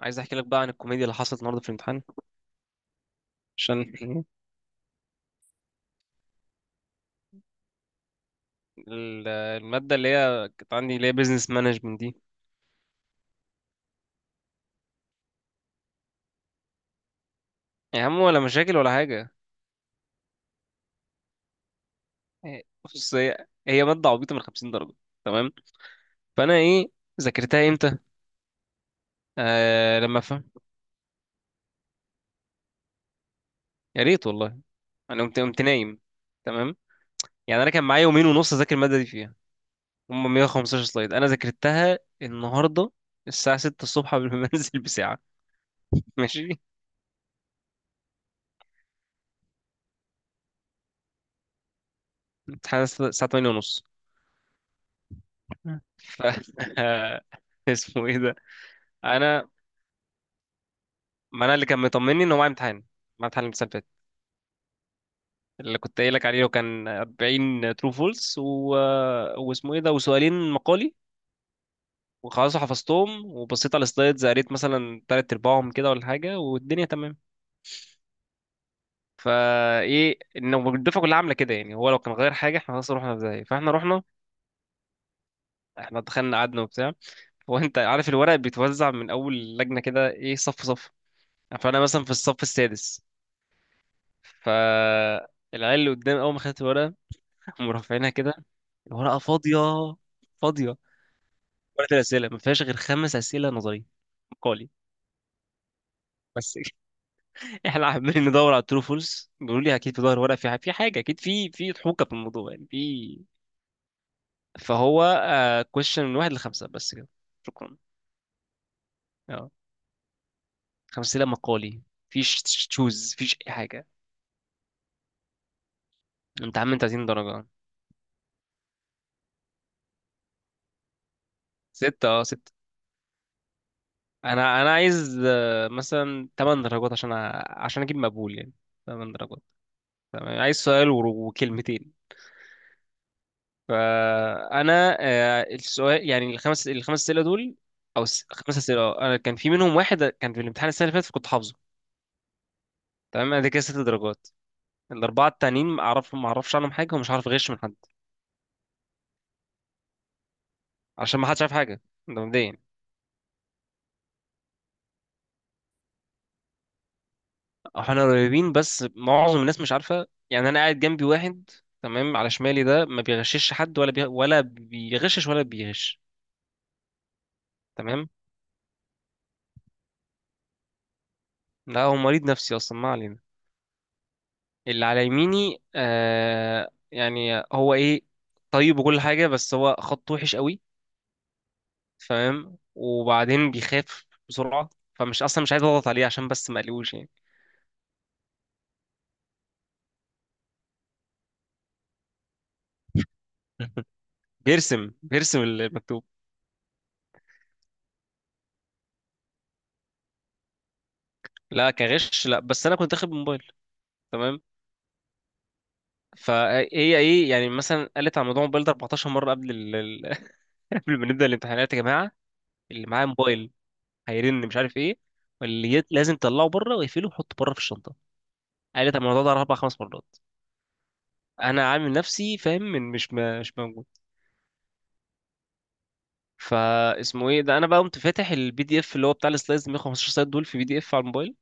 عايز احكي لك بقى عن الكوميديا اللي حصلت النهارده في الامتحان عشان الماده اللي هي كانت عندي اللي هي بيزنس مانجمنت دي، يا عم ولا مشاكل ولا حاجه. إيه، بص هي ماده عبيطه من 50 درجه. تمام. فانا ايه، ذاكرتها امتى؟ آه لما فهم. يا ريت والله. انا قمت نايم. تمام. يعني انا كان معايا يومين ونص اذاكر الماده دي، فيها هم 115 سلايد انا ذاكرتها النهارده الساعه 6 الصبح قبل ما انزل بساعه. ماشي. الامتحان الساعه 8:30. ف اسمه ايه ده؟ انا، ما انا اللي كان مطمني ان هو معايا امتحان، الامتحان اللي فات اللي كنت قايل لك عليه، وكان 40 ترو فولس و... واسمه ايه ده، وسؤالين مقالي. وخلاص حفظتهم، وبصيت على السلايدز قريت مثلا تلات ارباعهم كده ولا حاجه، والدنيا تمام. فايه، انه الدفعه كلها عامله كده يعني، هو لو كان غير حاجه احنا خلاص رحنا ازاي؟ فاحنا رحنا، احنا دخلنا قعدنا وبتاع. هو انت عارف الورق بيتوزع من اول لجنه كده، ايه، صف صف. فانا مثلا في الصف السادس. فالعيال اللي قدام اول ما خدت الورقه قاموا رافعينها كده. الورقه فاضيه، فاضيه. ورقه الاسئله ما فيهاش غير خمس اسئله نظري، مقالي بس. احنا عمالين ندور على الترو فولس، بيقولوا لي اكيد في ظهر ورقه، في في حاجه اكيد، في ضحوكه في الموضوع يعني في. فهو كويشن من واحد لخمسه بس كده. شكرا. اه، خمس اسئله مقالي، فيش تشوز فيش اي حاجه. انت عم، انت 30 درجه. سته، اه ست. انا عايز آه، مثلا 8 درجات عشان عشان اجيب مقبول يعني. 8 درجات. تمام. عايز سؤال وكلمتين. فانا آه، السؤال يعني الخمس اسئله دول، او خمس اسئله آه، انا كان في منهم واحد كان في الامتحان السنه اللي فاتت كنت حافظه. تمام. انا ده كده ست درجات. الاربعه التانيين ما اعرفش عنهم حاجه، ومش عارف اغش من حد، عشان ما حدش عارف حاجه. ده مبدئيا. احنا قريبين بس معظم الناس مش عارفه يعني. انا قاعد جنبي واحد، تمام، على شمالي ده ما بيغشش حد، ولا بيغشش ولا بيغش. تمام. لا هو مريض نفسي اصلا، ما علينا. اللي على يميني آه، يعني هو ايه، طيب وكل حاجه، بس هو خط وحش قوي. تمام. وبعدين بيخاف بسرعه، فمش اصلا مش عايز اضغط عليه عشان بس ما اقلقوش يعني. بيرسم المكتوب. لا كغش لا، بس انا كنت اخد موبايل. تمام. فهي ايه يعني، مثلا قالت على موضوع الموبايل ده 14 مره. قبل قبل ما نبدا الامتحانات يا جماعه، اللي معاه موبايل هيرن مش عارف ايه، لازم تطلعه بره واقفله وحطه بره في الشنطه. قالت على الموضوع ده اربع خمس مرات. انا عامل نفسي فاهم من مش موجود. فاسمه ايه ده، انا بقى قمت فاتح البي دي اف اللي هو بتاع السلايدز 115 سلايد دول، في بي دي اف على الموبايل.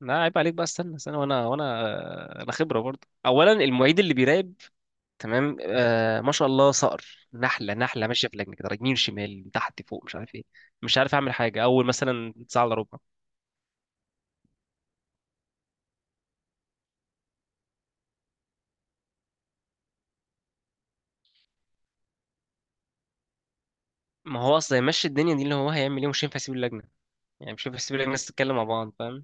لا عيب عليك بقى، استنى استنى. وانا انا خبره برضه. اولا، المعيد اللي بيراقب، تمام، آه ما شاء الله صقر، نحله نحله ماشيه في لجنه كده، يمين شمال تحت فوق مش عارف ايه. مش عارف اعمل حاجه اول مثلا ساعه الا ربع. ما هو اصلا يمشي الدنيا دي، اللي هو هيعمل ايه، مش هينفع يسيب اللجنه، يعني مش هينفع يسيب اللجنه، الناس تتكلم مع بعض فاهم.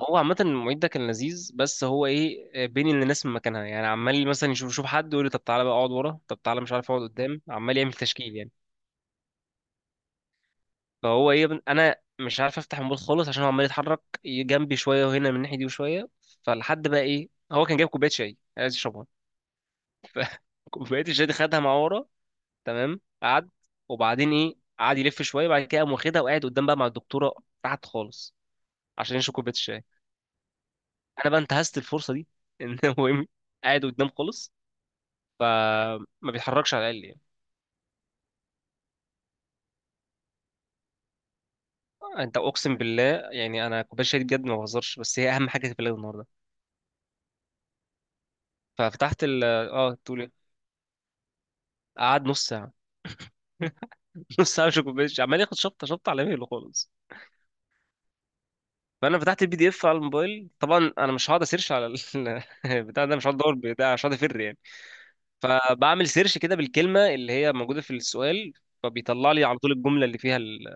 هو عامة المعيد ده كان لذيذ، بس هو ايه آه، بين الناس من مكانها يعني، عمال مثلا يشوف حد، يقول لي طب تعالى بقى اقعد ورا، طب تعالى مش عارف اقعد قدام، عمال يعمل تشكيل يعني. فهو ايه يا ابني، انا مش عارف افتح الموبايل خالص عشان هو عمال يتحرك جنبي شويه، وهنا من الناحيه دي وشويه. فلحد بقى ايه، هو كان جايب كوبايه شاي عايز يشربها. كوبايه الشاي دي خدها مع ورا. تمام، قعد. وبعدين ايه قعد يلف شويه، بعد كده قام واخدها وقاعد قدام بقى مع الدكتوره، تحت خالص عشان يشرب كوبايه الشاي. انا بقى انتهزت الفرصه دي ان هو إيه، قاعد قدام خالص فما بيتحركش على الاقل يعني. انت اقسم بالله، يعني انا كوبايه الشاي دي بجد ما بهزرش، بس هي اهم حاجه في البلد النهارده. ففتحت ال، اه تقول ايه، قعد نص ساعه. نص ساعه، مش كوبايه الشاي، عمال ياخد شطه شطه على مهله خالص. فانا فتحت البي دي اف على الموبايل، طبعا انا مش هقعد اسيرش على البتاع ده، مش هقعد ادور بتاع، مش هقعد افر يعني. فبعمل سيرش كده بالكلمه اللي هي موجوده في السؤال، فبيطلع لي على طول الجمله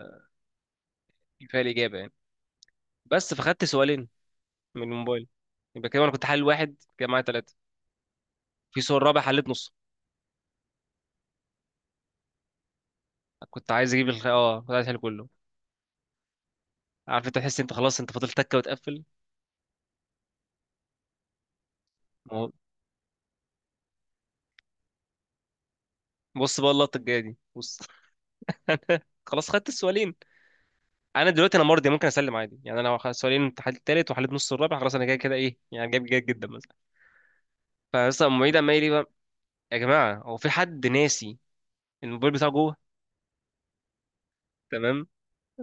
اللي فيها الاجابه يعني. بس. فخدت سؤالين من الموبايل، يبقى كده انا كنت حل واحد كده معايا، ثلاثه. في سؤال رابع حليت نصه. كنت عايز اجيب اه كنت عايز احل كله. عارف، انت تحس انت خلاص انت فاضل تكه وتقفل. ما هو- بص بقى اللقطه الجايه دي، بص. خلاص خدت السؤالين. انا دلوقتي، انا مرضي ممكن اسلم عادي يعني، انا لو سؤالين، حليت التالت وحليت نص الرابع، خلاص انا كده كده ايه يعني، جايب جيد جدا مثلا. فمثلا المعيد عمال يقول لي بقى، يا جماعه هو في حد ناسي الموبايل بتاعه جوه؟ تمام.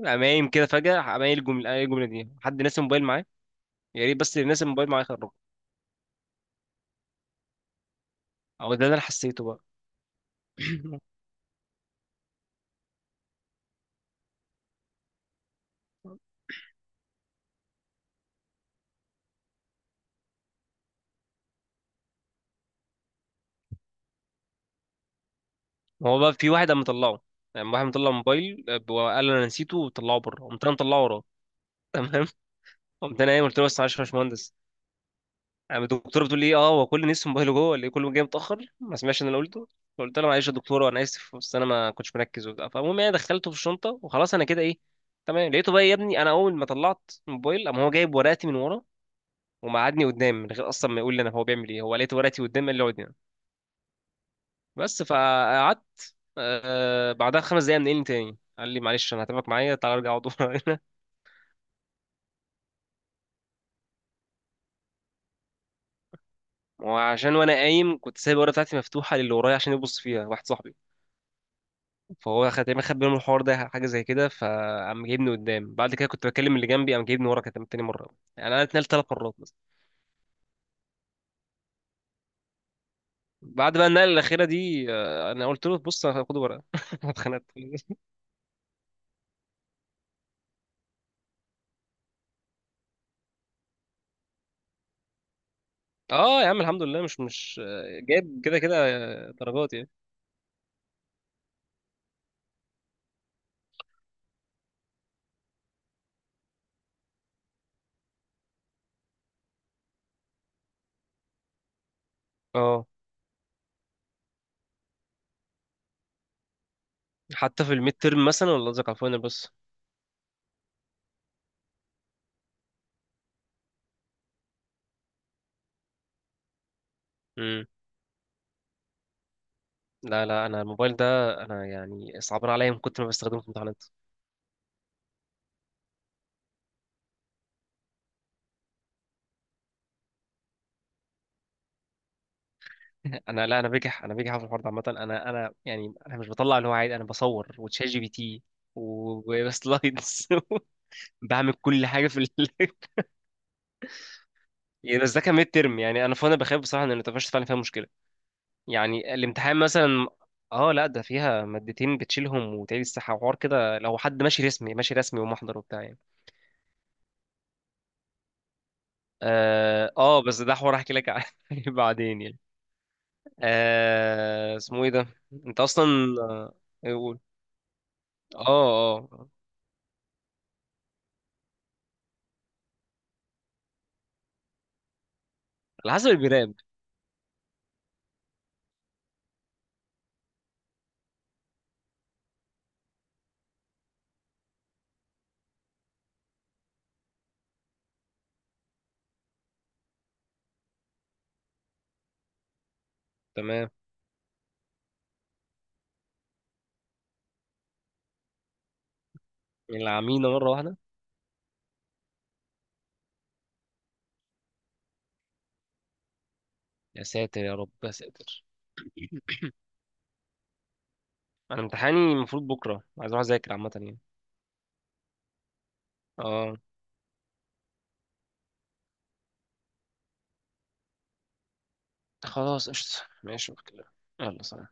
قام قايم كده فجاه، قام قايل الجمله، دي حد ناسي الموبايل معاه، يا ريت بس اللي ناسي الموبايل معاه يخرجه. او ده اللي انا حسيته بقى. هو بقى في واحد قام مطلعه، يعني واحد مطلع موبايل آه، وقال انا نسيته، وطلعه بره. قمت انا مطلعه وراه. تمام. قمت انا قايم قلت له، بس معلش يا باشمهندس. قام الدكتوره بتقول لي، اه هو كل الناس في موبايله جوه، اللي كله جاي متاخر ما سمعش ان انا قلته. فقلت لها، معلش يا دكتوره انا اسف، بس انا ما كنتش مركز وبتاع. فالمهم انا دخلته في الشنطه وخلاص، انا كده ايه، تمام. لقيته بقى يا ابني، انا اول ما طلعت الموبايل قام هو جايب ورقتي من ورا، ومقعدني قدام من غير اصلا ما يقول لي انا هو بيعمل ايه. هو لقيت ورقتي قدام قال لي اقعد هنا، بس. فقعدت آه، بعدها خمس دقايق منقلني تاني، قال لي معلش انا هتابعك معايا، تعالى ارجع اقعد ورا هنا. وعشان، وانا قايم كنت سايب الورقه بتاعتي مفتوحه للي ورايا عشان يبص فيها واحد صاحبي، فهو خد تقريبا خد باله من الحوار ده حاجه زي كده، فقام جايبني قدام. بعد كده كنت بكلم اللي جنبي، قام جايبني ورا، كانت تاني مره. يعني انا اتنقلت ثلاث مرات مثلا. بعد بقى النقله الاخيره دي آه، انا قلت له بص انا هاخد ورقه. أنا اتخنقت. اه يا عم الحمد لله، مش مش آه، جايب كده كده، آه، درجات يعني. اه. حتى في الميد تيرم مثلا، ولا قصدك على الفاينل بس؟ امم. لا انا الموبايل ده، انا يعني صعبان عليا من كتر ما بستخدمه في الامتحانات. انا لا، انا بجح في الحوار ده عامه. انا مش بطلع اللي هو عادي، انا بصور وتشات جي بي تي وسلايدز. بعمل كل حاجه في ال... يعني بس ده كان ميد ترم يعني. انا، فانا بخاف بصراحه ان النتفشت فعلا فيها مشكله. يعني الامتحان مثلا. اه لا، ده فيها مادتين بتشيلهم وتعيد الساحه وحوار كده، لو حد ماشي رسمي ماشي رسمي ومحضر وبتاع يعني. اه آه، بس ده حوار احكي لك عنه بعدين يعني. آه اسمه ايه ده، انت اصلا آه، إيه، قول. اه اه. على حسب البناء. تمام. العمينا مرة واحدة. يا ساتر يا رب يا ساتر. أنا امتحاني المفروض بكرة، عايز أروح أذاكر عامة يعني. اه خلاص قشطة، ماشي أوكي. يلا سلام.